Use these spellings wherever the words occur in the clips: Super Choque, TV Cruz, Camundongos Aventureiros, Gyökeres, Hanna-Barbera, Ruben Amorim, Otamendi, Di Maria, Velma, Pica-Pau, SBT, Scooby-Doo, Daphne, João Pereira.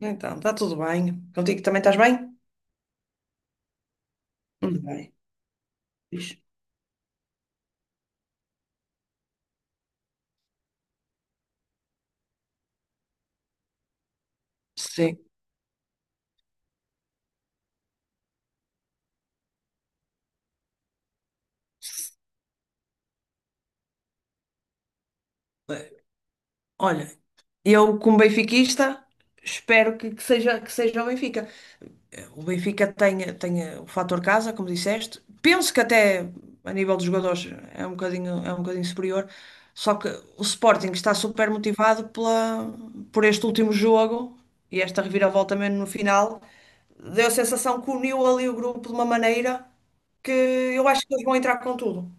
Então, está tudo bem. Contigo também estás bem? Tudo bem. Fixe. Sim. Olha, eu como benfiquista, espero que seja o Benfica. O Benfica tem o fator casa, como disseste. Penso que até a nível dos jogadores é um bocadinho superior. Só que o Sporting está super motivado por este último jogo e esta reviravolta mesmo no final. Deu a sensação que uniu ali o grupo de uma maneira que eu acho que eles vão entrar com tudo.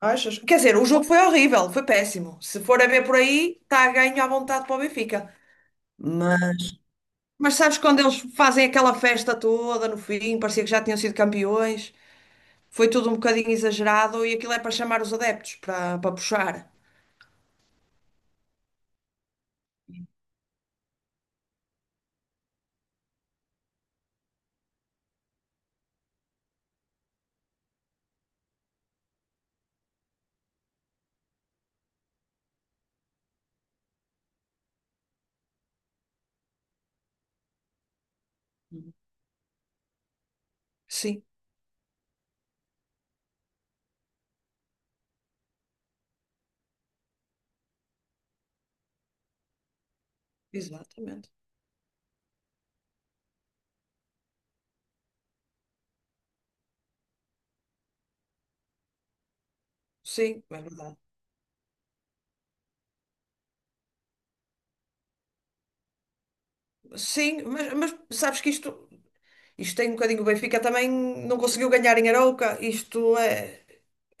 Achas? Quer dizer, o jogo foi horrível, foi péssimo. Se for a ver por aí, está a ganho à vontade para o Benfica. Mas sabes, quando eles fazem aquela festa toda no fim, parecia que já tinham sido campeões, foi tudo um bocadinho exagerado e aquilo é para chamar os adeptos, para puxar. Sim, exatamente. Sim, é verdade. Sim, mas sabes que isto, tem um bocadinho, o Benfica também não conseguiu ganhar em Arouca. Isto é,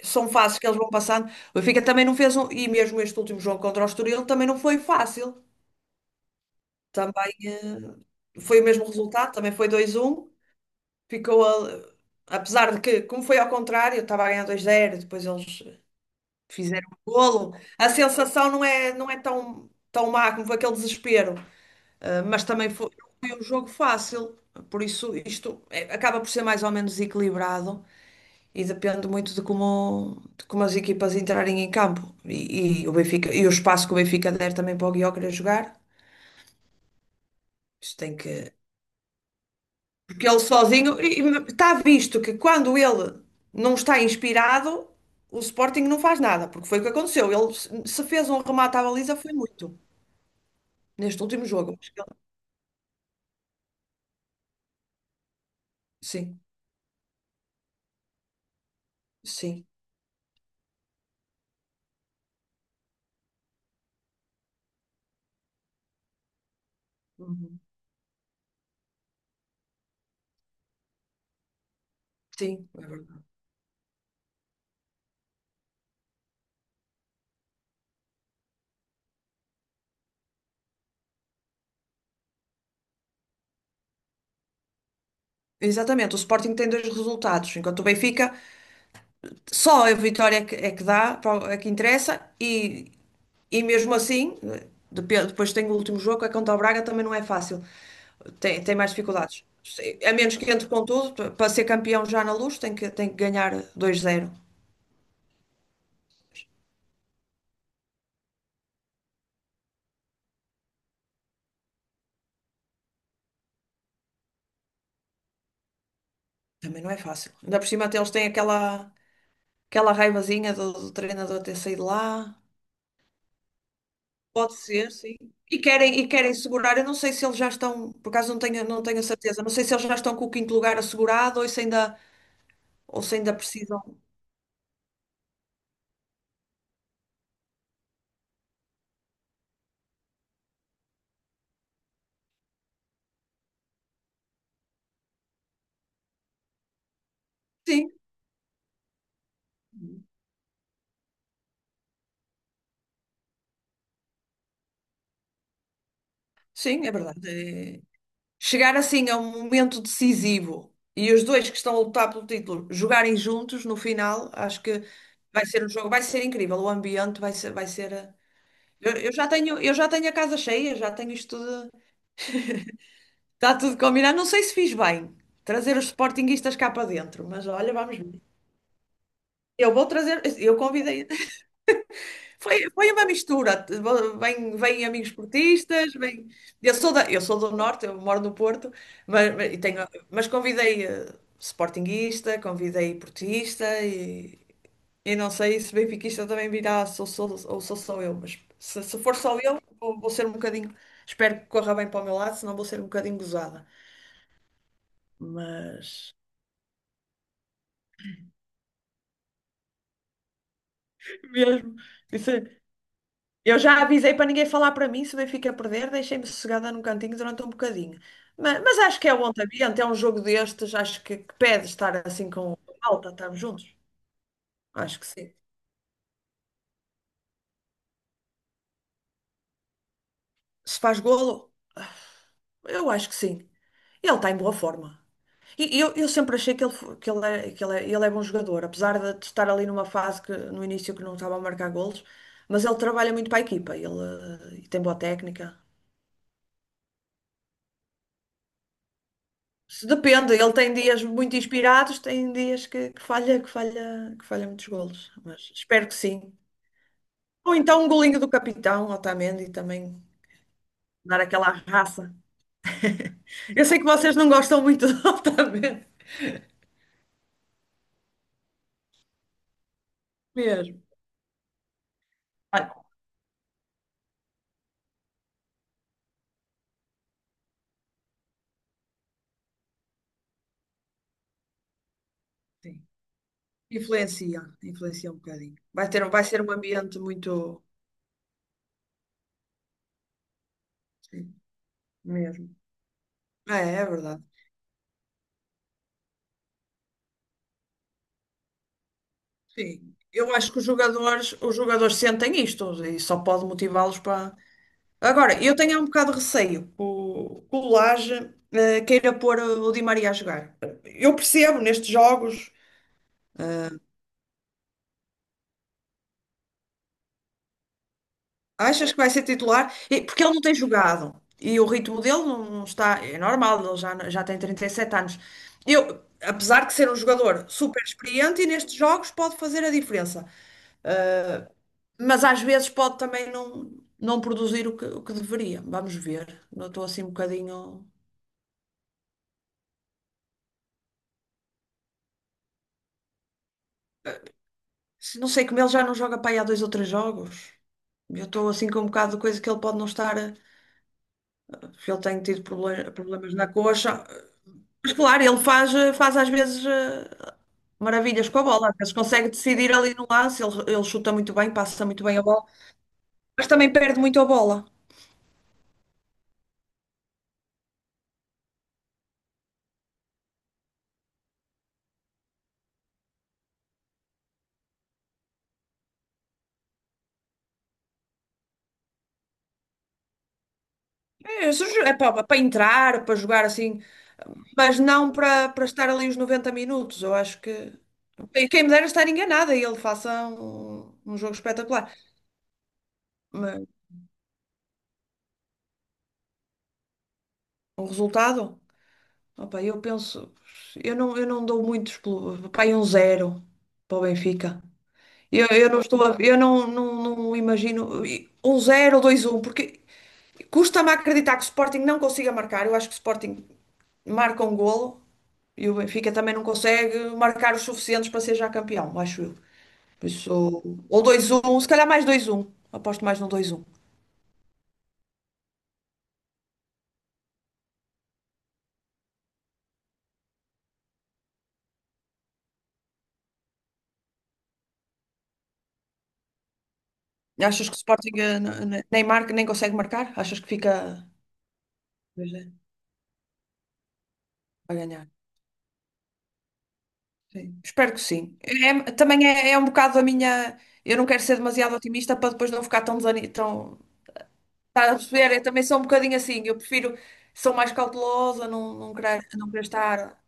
são fases que eles vão passando. O Benfica também não fez um, e mesmo este último jogo contra o Estoril também não foi fácil. Também, foi o mesmo resultado, também foi 2 um. Ficou ali- Apesar de que, como foi ao contrário, eu estava a ganhar 2 zero, depois eles fizeram o golo. A sensação não é tão má como foi aquele desespero. Ah, mas também foi, não foi um jogo fácil. Por isso, acaba por ser mais ou menos equilibrado e depende muito de como as equipas entrarem em campo, e o Benfica, e o espaço que o Benfica der também para o Gyökeres jogar. Isto tem que. Que ele sozinho e está visto que quando ele não está inspirado, o Sporting não faz nada, porque foi o que aconteceu. Ele, se fez um remate à baliza, foi muito neste último jogo. Sim, sim, uhum, sim, é verdade. Exatamente, o Sporting tem dois resultados, enquanto o Benfica só a vitória é que dá, é que interessa, e mesmo assim, depois tem o último jogo, é contra o Braga, também não é fácil, tem mais dificuldades. A menos que entre com tudo, para ser campeão já na Luz, tem que ganhar 2-0. Também não é fácil. Ainda por cima, até eles têm aquela, raivazinha do, treinador ter saído lá. Pode ser, sim. E querem segurar, eu não sei se eles já estão, por acaso não tenho, a certeza, não sei se eles já estão com o quinto lugar assegurado ou se ainda, precisam. Sim, sim, é verdade. Chegar assim a um momento decisivo e os dois que estão a lutar pelo título jogarem juntos no final, acho que vai ser um jogo, vai ser incrível. O ambiente vai ser. Eu já tenho a casa cheia, já tenho isto tudo, está tudo combinado. Não sei se fiz bem trazer os sportinguistas cá para dentro, mas olha, vamos ver. Eu vou trazer, eu convidei. Foi uma mistura. Vêm amigos portistas, vêm... Eu sou do Norte, eu moro no Porto, mas convidei, sportinguista, convidei portista, e não sei se benfiquista também virá, ou sou só eu, mas se for só eu, vou ser um bocadinho. Espero que corra bem para o meu lado, senão vou ser um bocadinho gozada. Mas mesmo. Isso é- Eu já avisei para ninguém falar para mim, se o Benfica perder, deixei-me sossegada num cantinho durante um bocadinho. Mas, acho que é um ambiente, é um jogo destes, acho que pede estar assim com a malta, estamos juntos. Acho que sim. Se faz golo, eu acho que sim. Ele está em boa forma. E eu sempre achei ele é bom jogador, apesar de estar ali numa fase que no início que não estava a marcar golos, mas ele trabalha muito para a equipa, e tem boa técnica. Se Depende, ele tem dias muito inspirados, tem dias que falha muitos golos, mas espero que sim. Ou então um golinho do capitão Otamendi também dar aquela raça. Eu sei que vocês não gostam muito do Otamendi mesmo. Ah, sim. Influencia um bocadinho. Vai ser um ambiente muito. Sim, mesmo. Ah, é verdade. Sim. Eu acho que os jogadores sentem isto e só pode motivá-los para. Agora, eu tenho um bocado de receio que o, Laje queira pôr o Di Maria a jogar. Eu percebo nestes jogos, eh, achas que vai ser titular? Porque ele não tem jogado e o ritmo dele não está. É normal, ele já tem 37 anos. Eu, apesar de ser um jogador super experiente e nestes jogos pode fazer a diferença, mas às vezes pode também não produzir o que deveria. Vamos ver. Não estou assim um bocadinho. Não sei, como ele já não joga para aí há dois ou três jogos. Eu estou assim com um bocado de coisa que ele pode não estar, porque ele tem tido problemas na coxa. Mas claro, ele faz às vezes, maravilhas com a bola. Às vezes consegue decidir ali no lance. Ele chuta muito bem, passa muito bem a bola. Mas também perde muito a bola. É, se jo- é para entrar, para jogar assim. Mas não para estar ali os 90 minutos. Eu acho que. E quem me dera estar enganada e ele faça um jogo espetacular. Mas um resultado. Opa, eu penso, eu não dou muitos, aí 1-0 para o Benfica. Eu não estou a, eu não, não, não imagino, e um zero, dois, um, porque custa-me acreditar que o Sporting não consiga marcar. Eu acho que o Sporting marca um golo e o Benfica também não consegue marcar os suficientes para ser já campeão, acho eu. Por isso, ou 2-1, se calhar mais 2-1. Aposto mais no 2-1. Achas que o Sporting, nem marca, nem consegue marcar? Achas que fica, pois é, a ganhar? Sim, espero que sim. Também é um bocado a minha. Eu não quero ser demasiado otimista para depois não ficar tão desanimada. Tão... Estás a perceber? Eu também sou um bocadinho assim. Eu prefiro. Sou mais cautelosa, não querer estar.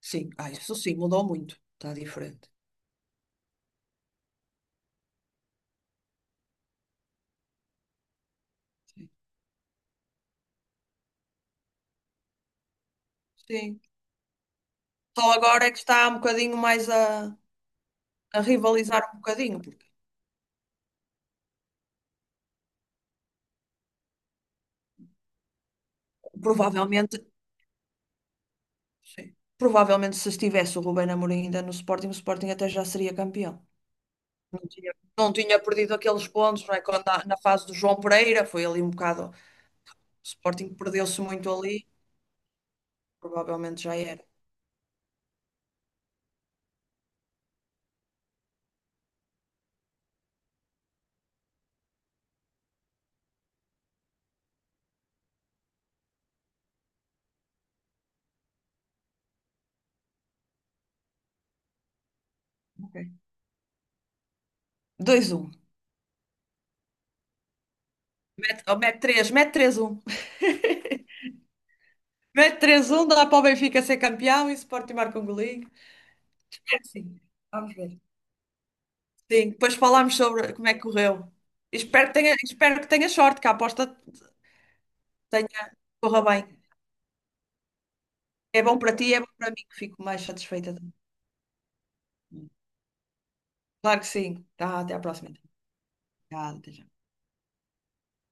Sim, ah, isso sim, mudou muito. Está diferente. Sim. Sim. Só agora é que está um bocadinho mais a rivalizar um bocadinho, porque provavelmente. Sim. Provavelmente, se estivesse o Ruben Amorim ainda no Sporting, o Sporting até já seria campeão. Não tinha, não tinha perdido aqueles pontos, não é? Quando na fase do João Pereira foi ali um bocado. O Sporting perdeu-se muito ali, provavelmente já era. Ok. 2-1. Oh, mete 3, mete 3-1 Mete 3-1, dá para o Benfica ser campeão e o Sporting marca um golinho. É assim. Vamos ver. Sim, depois falámos sobre como é que correu. Espero que tenha sorte, que a aposta corra bem. É bom para ti, é bom para mim, que fico mais satisfeita, também. Claro que sim. Tá, até à próxima. Obrigada, até já.